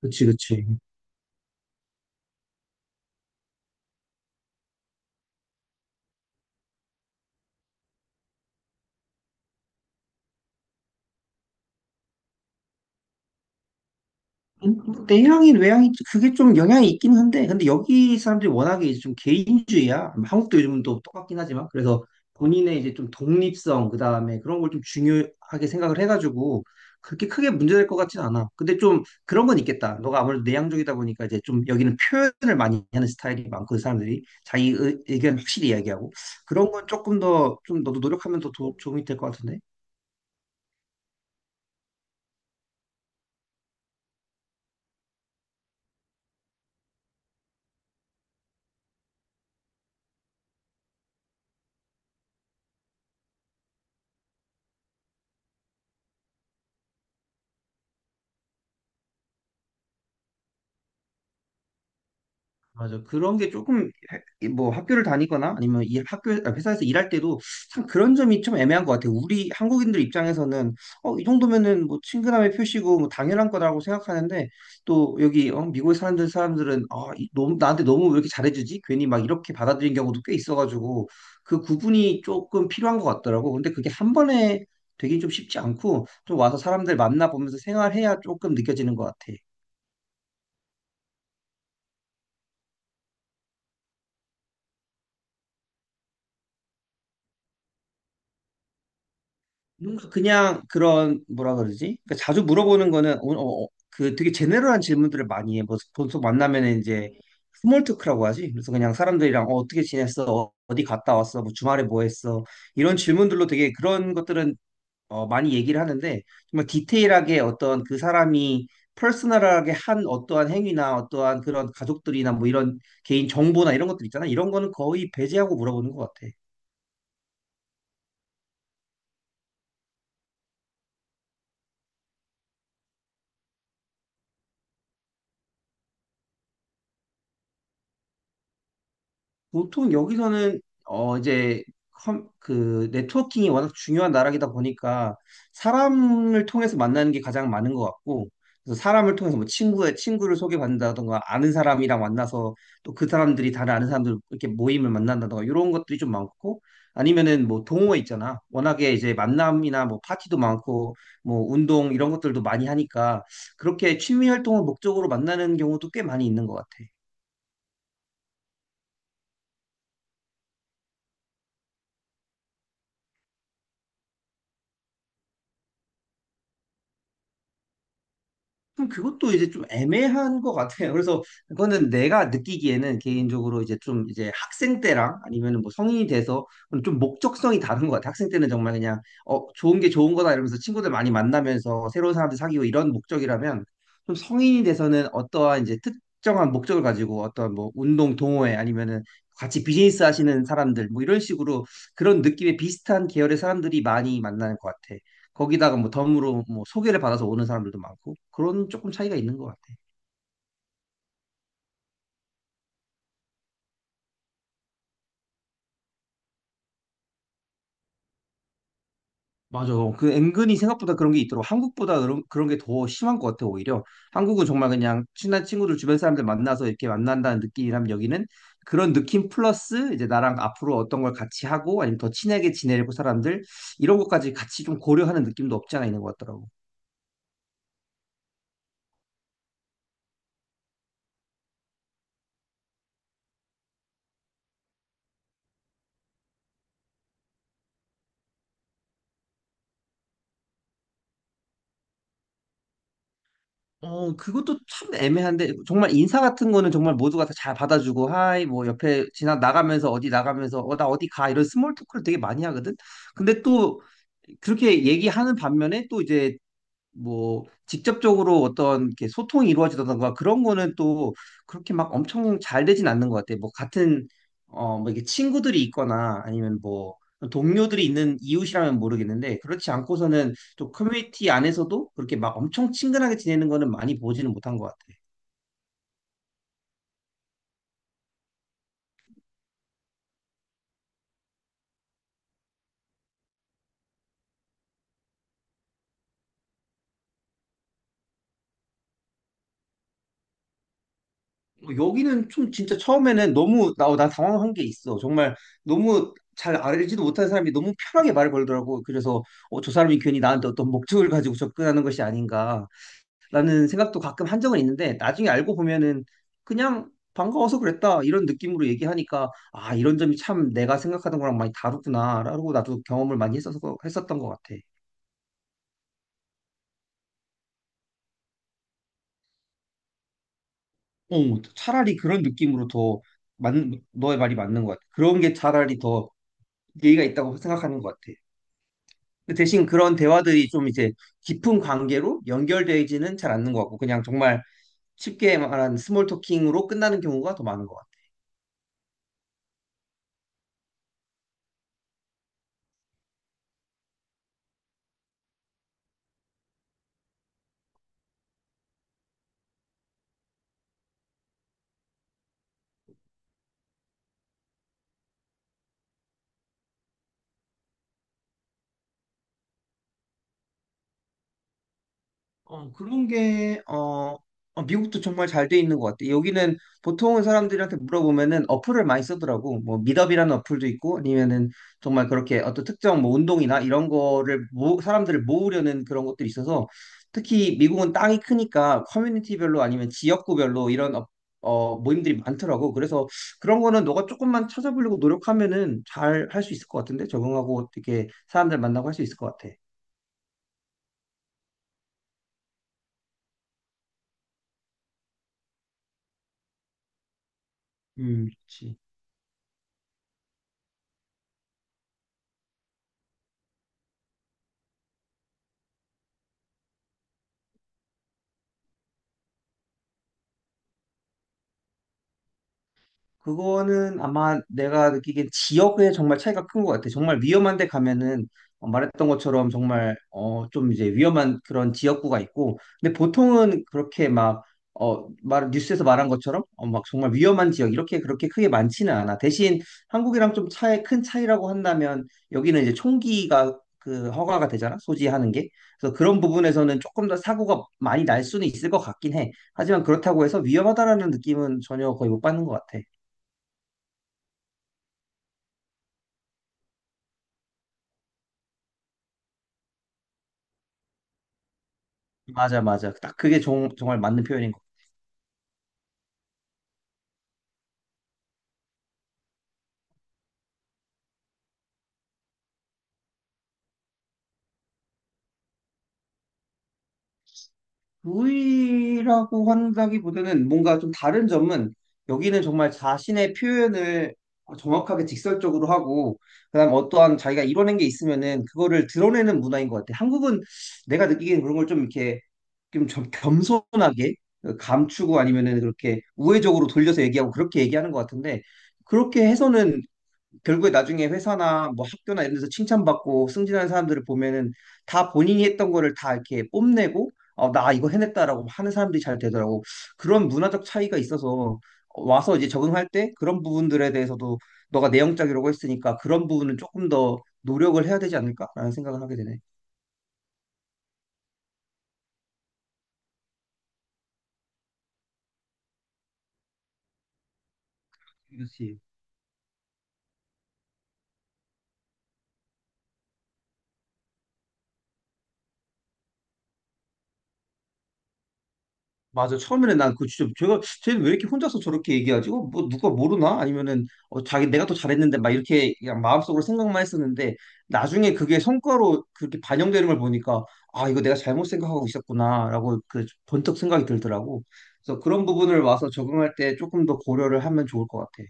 그치, 그치. 음, 내향인, 외향인, 그게 좀 영향이 있긴 한데, 근데 여기 사람들이 워낙에 이제 좀 개인주의야. 한국도 요즘은 또 똑같긴 하지만, 그래서 본인의 이제 좀 독립성, 그 다음에 그런 걸 좀 중요하게 생각을 해가지고, 그렇게 크게 문제될 것 같진 않아. 근데 좀 그런 건 있겠다. 너가 아무래도 내향적이다 보니까 이제 좀 여기는 표현을 많이 하는 스타일이 많고, 사람들이 자기 의견 확실히 이야기하고, 그런 건 조금 더, 좀 너도 노력하면 더 도움이 될 것 같은데? 맞아. 그런 게 조금 뭐 학교를 다니거나 아니면 이 학교 아, 회사에서 일할 때도 참 그런 점이 좀 애매한 것 같아. 요 우리 한국인들 입장에서는 이 정도면은 뭐 친근함의 표시고 뭐 당연한 거라고 생각하는데 또 여기 미국에 사는 사람들은 아, 너무 나한테 너무 왜 이렇게 잘해주지? 괜히 막 이렇게 받아들인 경우도 꽤 있어가지고 그 구분이 조금 필요한 것 같더라고. 근데 그게 한 번에 되긴 좀 쉽지 않고 좀 와서 사람들 만나보면서 생활해야 조금 느껴지는 것 같아. 뭔가 그냥 그런 뭐라 그러지? 그러니까 자주 물어보는 거는 그 되게 제네럴한 질문들을 많이 해. 뭐 보통 만나면 이제 스몰 토크라고 하지. 그래서 그냥 사람들이랑 떻게 지냈어? 어디 갔다 왔어? 뭐 주말에 뭐 했어? 이런 질문들로 되게 그런 것들은 많이 얘기를 하는데 정말 디테일하게 어떤 그 사람이 퍼스널하게 한 어떠한 행위나 어떠한 그런 가족들이나 뭐 이런 개인 정보나 이런 것들 있잖아. 이런 거는 거의 배제하고 물어보는 것 같아. 보통 여기서는 이제 그 네트워킹이 워낙 중요한 나라이다 보니까 사람을 통해서 만나는 게 가장 많은 것 같고, 그래서 사람을 통해서 뭐 친구의 친구를 소개받는다던가 아는 사람이랑 만나서 또 그 사람들이 다른 아는 사람들 이렇게 모임을 만난다던가 이런 것들이 좀 많고, 아니면은 뭐 동호회 있잖아. 워낙에 이제 만남이나 뭐 파티도 많고 뭐 운동 이런 것들도 많이 하니까 그렇게 취미 활동을 목적으로 만나는 경우도 꽤 많이 있는 것 같아. 그럼 그것도 이제 좀 애매한 것 같아요. 그래서 그거는 내가 느끼기에는 개인적으로 이제 좀 이제 학생 때랑 아니면 뭐 성인이 돼서 좀 목적성이 다른 것 같아요. 학생 때는 정말 그냥 좋은 게 좋은 거다 이러면서 친구들 많이 만나면서 새로운 사람들 사귀고 이런 목적이라면, 좀 성인이 돼서는 어떠한 이제 특정한 목적을 가지고 어떤 뭐 운동 동호회 아니면은 같이 비즈니스 하시는 사람들 뭐 이런 식으로 그런 느낌의 비슷한 계열의 사람들이 많이 만나는 것 같아. 거기다가 뭐 덤으로 뭐 소개를 받아서 오는 사람들도 많고 그런 조금 차이가 있는 것 같아. 맞아. 그 은근히 생각보다 그런 게 있더라고. 한국보다 그런 게 더 심한 것 같아, 오히려. 한국은 정말 그냥 친한 친구들 주변 사람들 만나서 이렇게 만난다는 느낌이라면, 여기는 그런 느낌 플러스 이제 나랑 앞으로 어떤 걸 같이 하고 아니면 더 친하게 지내려고 사람들 이런 것까지 같이 좀 고려하는 느낌도 없지 않아 있는 것 같더라고. 그것도 참 애매한데, 정말 인사 같은 거는 정말 모두가 다 잘 받아주고, 하이, 뭐, 옆에 지나 나가면서, 어디 나가면서, 나 어디 가, 이런 스몰 토크를 되게 많이 하거든? 근데 또, 그렇게 얘기하는 반면에 또 이제 뭐 직접적으로 어떤 이렇게 소통이 이루어지던가 그런 거는 또 그렇게 막 엄청 잘 되진 않는 것 같아. 뭐 같은 어뭐 이게 친구들이 있거나 아니면 뭐 동료들이 있는 이웃이라면 모르겠는데, 그렇지 않고서는 또 커뮤니티 안에서도 그렇게 막 엄청 친근하게 지내는 거는 많이 보지는 못한 것 같아. 여기는 좀 진짜 처음에는 너무 나 당황한 게 있어. 정말 너무 잘 알지도 못하는 사람이 너무 편하게 말을 걸더라고. 그래서 저 사람이 괜히 나한테 어떤 목적을 가지고 접근하는 것이 아닌가 라는 생각도 가끔 한 적은 있는데, 나중에 알고 보면은 그냥 반가워서 그랬다 이런 느낌으로 얘기하니까 아 이런 점이 참 내가 생각하던 거랑 많이 다르구나 라고 나도 경험을 많이 했어서 했었던 것 같아. 차라리 그런 느낌으로 더 맞 너의 말이 맞는 것 같아. 그런 게 차라리 더 예의가 있다고 생각하는 것 같아. 근데 대신 그런 대화들이 좀 이제 깊은 관계로 연결되지는 잘 않는 것 같고, 그냥 정말 쉽게 말한 스몰 토킹으로 끝나는 경우가 더 많은 것 같아. 어, 그런 게, 어, 어, 미국도 정말 잘 돼 있는 것 같아. 여기는 보통은 사람들한테 물어보면은 어플을 많이 쓰더라고. 뭐, 미더이라는 어플도 있고, 아니면은 정말 그렇게 어떤 특정 뭐 운동이나 이런 거를 사람들을 모으려는 그런 것들이 있어서, 특히 미국은 땅이 크니까 커뮤니티별로 아니면 지역구별로 이런 모임들이 많더라고. 그래서 그런 거는 너가 조금만 찾아보려고 노력하면은 잘 할 수 있을 것 같은데? 적응하고 이렇게 사람들 만나고 할 수 있을 것 같아. 그치. 그거는 아마 내가 느끼기엔 지역에 정말 차이가 큰 것 같아. 정말 위험한 데 가면은 말했던 것처럼 정말 좀 이제 위험한 그런 지역구가 있고, 근데 보통은 그렇게 막 뉴스에서 말한 것처럼 막 정말 위험한 지역 이렇게 그렇게 크게 많지는 않아. 대신 한국이랑 좀 차이 큰 차이라고 한다면, 여기는 이제 총기가 그 허가가 되잖아, 소지하는 게. 그래서 그런 부분에서는 조금 더 사고가 많이 날 수는 있을 것 같긴 해. 하지만 그렇다고 해서 위험하다라는 느낌은 전혀 거의 못 받는 것 같아. 맞아, 맞아. 딱 그게 정 말 맞는 표현인 것 같아. 루이라고 한다기보다는 뭔가 좀 다른 점은, 여기는 정말 자신의 표현을 정확하게 직설적으로 하고, 그다음 어떠한 자기가 이뤄낸 게 있으면은 그거를 드러내는 문화인 것 같아. 한국은 내가 느끼기엔 그런 걸 좀 이렇게 좀 겸손하게 감추고 아니면은 그렇게 우회적으로 돌려서 얘기하고 그렇게 얘기하는 것 같은데, 그렇게 해서는 결국에 나중에 회사나 뭐 학교나 이런 데서 칭찬받고 승진하는 사람들을 보면은 다 본인이 했던 거를 다 이렇게 뽐내고 나 이거 해냈다라고 하는 사람들이 잘 되더라고. 그런 문화적 차이가 있어서 와서 이제 적응할 때 그런 부분들에 대해서도 너가 내형적이라고 했으니까 그런 부분은 조금 더 노력을 해야 되지 않을까라는 생각을 하게 되네. 그렇지. 맞아. 처음에는 난 그 진짜 제가 쟤는 왜 이렇게 혼자서 저렇게 얘기하지? 뭐 누가 모르나? 아니면은 어, 자기 내가 더 잘했는데 막 이렇게 그냥 마음속으로 생각만 했었는데, 나중에 그게 성과로 그렇게 반영되는 걸 보니까 아 이거 내가 잘못 생각하고 있었구나라고 그 번뜩 생각이 들더라고. 그래서 그런 부분을 와서 적응할 때 조금 더 고려를 하면 좋을 것 같아.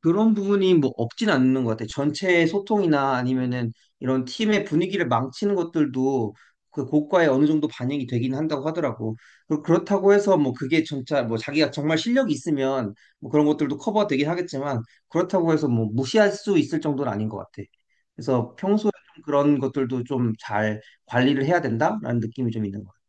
그런 부분이 뭐 없진 않는 것 같아요. 전체의 소통이나 아니면은 이런 팀의 분위기를 망치는 것들도 그 고과에 어느 정도 반영이 되긴 한다고 하더라고. 그렇다고 해서 뭐 그게 진짜 뭐 자기가 정말 실력이 있으면 뭐 그런 것들도 커버가 되긴 하겠지만, 그렇다고 해서 뭐 무시할 수 있을 정도는 아닌 것 같아. 그래서 평소에 좀 그런 것들도 좀 잘 관리를 해야 된다라는 느낌이 좀 있는 것 같아.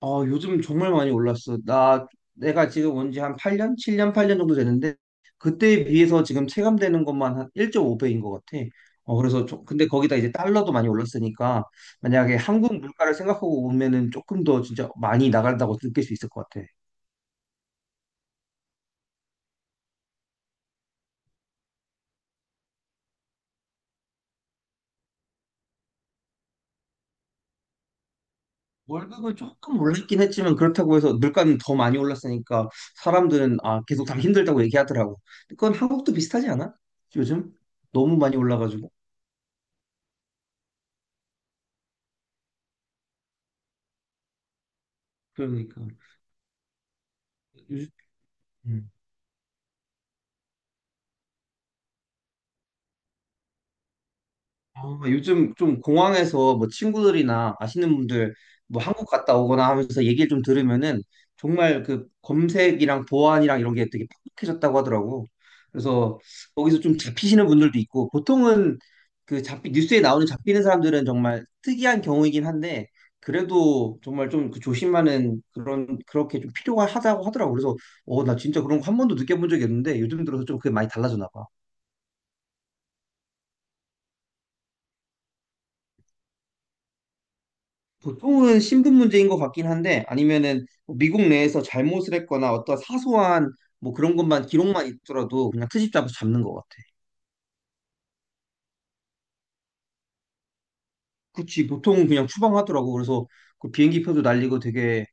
요즘 정말 많이 올랐어. 내가 지금 온 지 한 8년? 7년, 8년 정도 됐는데 그때에 비해서 지금 체감되는 것만 한 1.5배인 것 같아. 그래서, 근데 거기다 이제 달러도 많이 올랐으니까, 만약에 한국 물가를 생각하고 오면은 조금 더 진짜 많이 나간다고 느낄 수 있을 것 같아. 월급은 조금 올랐긴 했지만, 그렇다고 해서 물가는 더 많이 올랐으니까, 사람들은, 아, 계속 다 힘들다고 얘기하더라고. 그건 한국도 비슷하지 않아? 요즘? 너무 많이 올라가지고. 그러니까. 요즘- 아, 요즘 좀 공항에서 뭐 친구들이나 아시는 분들 뭐 한국 갔다 오거나 하면서 얘기를 좀 들으면은 정말 그 검색이랑 보안이랑 이런 게 되게 팍팍해졌다고 하더라고. 그래서 거기서 좀 잡히시는 분들도 있고, 보통은 그 잡히 뉴스에 나오는 잡히는 사람들은 정말 특이한 경우이긴 한데, 그래도 정말 좀 그 조심하는 그런 그렇게 좀 필요하다고 하더라고. 그래서 나 진짜 그런 거 한 번도 느껴본 적이 없는데 요즘 들어서 좀 그게 많이 달라졌나 봐. 보통은 신분 문제인 것 같긴 한데, 아니면은 뭐 미국 내에서 잘못을 했거나 어떤 사소한 뭐 그런 것만 기록만 있더라도 그냥 트집 잡아서 잡는 것 같아. 그치. 보통은 그냥 추방하더라고. 그래서 그 비행기 표도 날리고 되게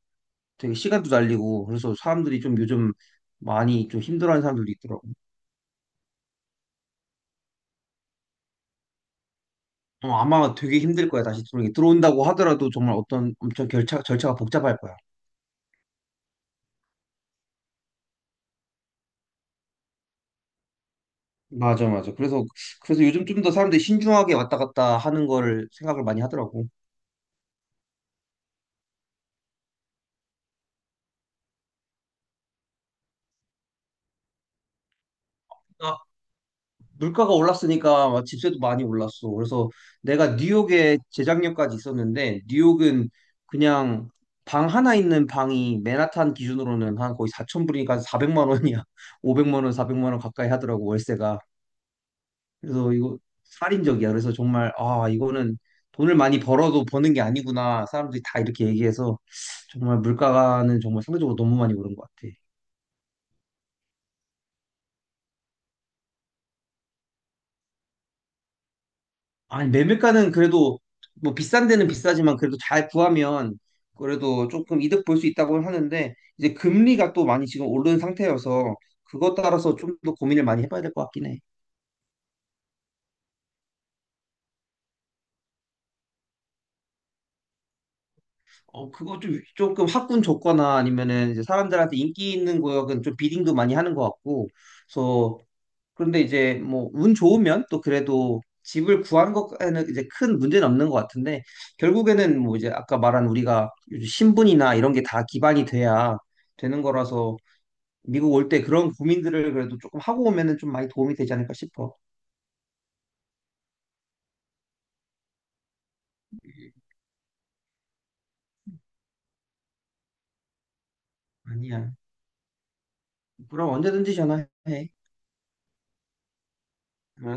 시간도 날리고, 그래서 사람들이 좀 요즘 많이 좀 힘들어하는 사람들도 있더라고. 아마 되게 힘들 거야. 다시 들어오는 게, 들어온다고 하더라도 정말 어떤 엄청 절차가 복잡할 거야. 맞아, 맞아. 그래서 요즘 좀 더 사람들이 신중하게 왔다 갔다 하는 거를 생각을 많이 하더라고. 물가가 올랐으니까 집세도 많이 올랐어. 그래서 내가 뉴욕에 재작년까지 있었는데, 뉴욕은 그냥 방 하나 있는 방이 맨하탄 기준으로는 한 거의 4천 불이니까 400만 원이야. 500만 원, 400만 원 가까이 하더라고, 월세가. 그래서 이거 살인적이야. 그래서 정말 아 이거는 돈을 많이 벌어도 버는 게 아니구나. 사람들이 다 이렇게 얘기해서 정말 물가는 정말 상대적으로 너무 많이 오른 것 같아. 아니, 매물가는 그래도 뭐 비싼 데는 비싸지만 그래도 잘 구하면 그래도 조금 이득 볼 수 있다고 하는데, 이제 금리가 또 많이 지금 오른 상태여서 그것 따라서 좀 더 고민을 많이 해봐야 될 것 같긴 해. 그거 좀 조금 학군 좋거나 아니면은 이제 사람들한테 인기 있는 구역은 좀 비딩도 많이 하는 것 같고, 그래서 그런데 이제 뭐 운 좋으면 또 그래도 집을 구한 것에는 이제 큰 문제는 없는 것 같은데, 결국에는 뭐 이제 아까 말한 우리가 요즘 신분이나 이런 게 다 기반이 돼야 되는 거라서, 미국 올 때 그런 고민들을 그래도 조금 하고 오면은 좀 많이 도움이 되지 않을까 싶어. 아니야. 그럼 언제든지 전화해. 응.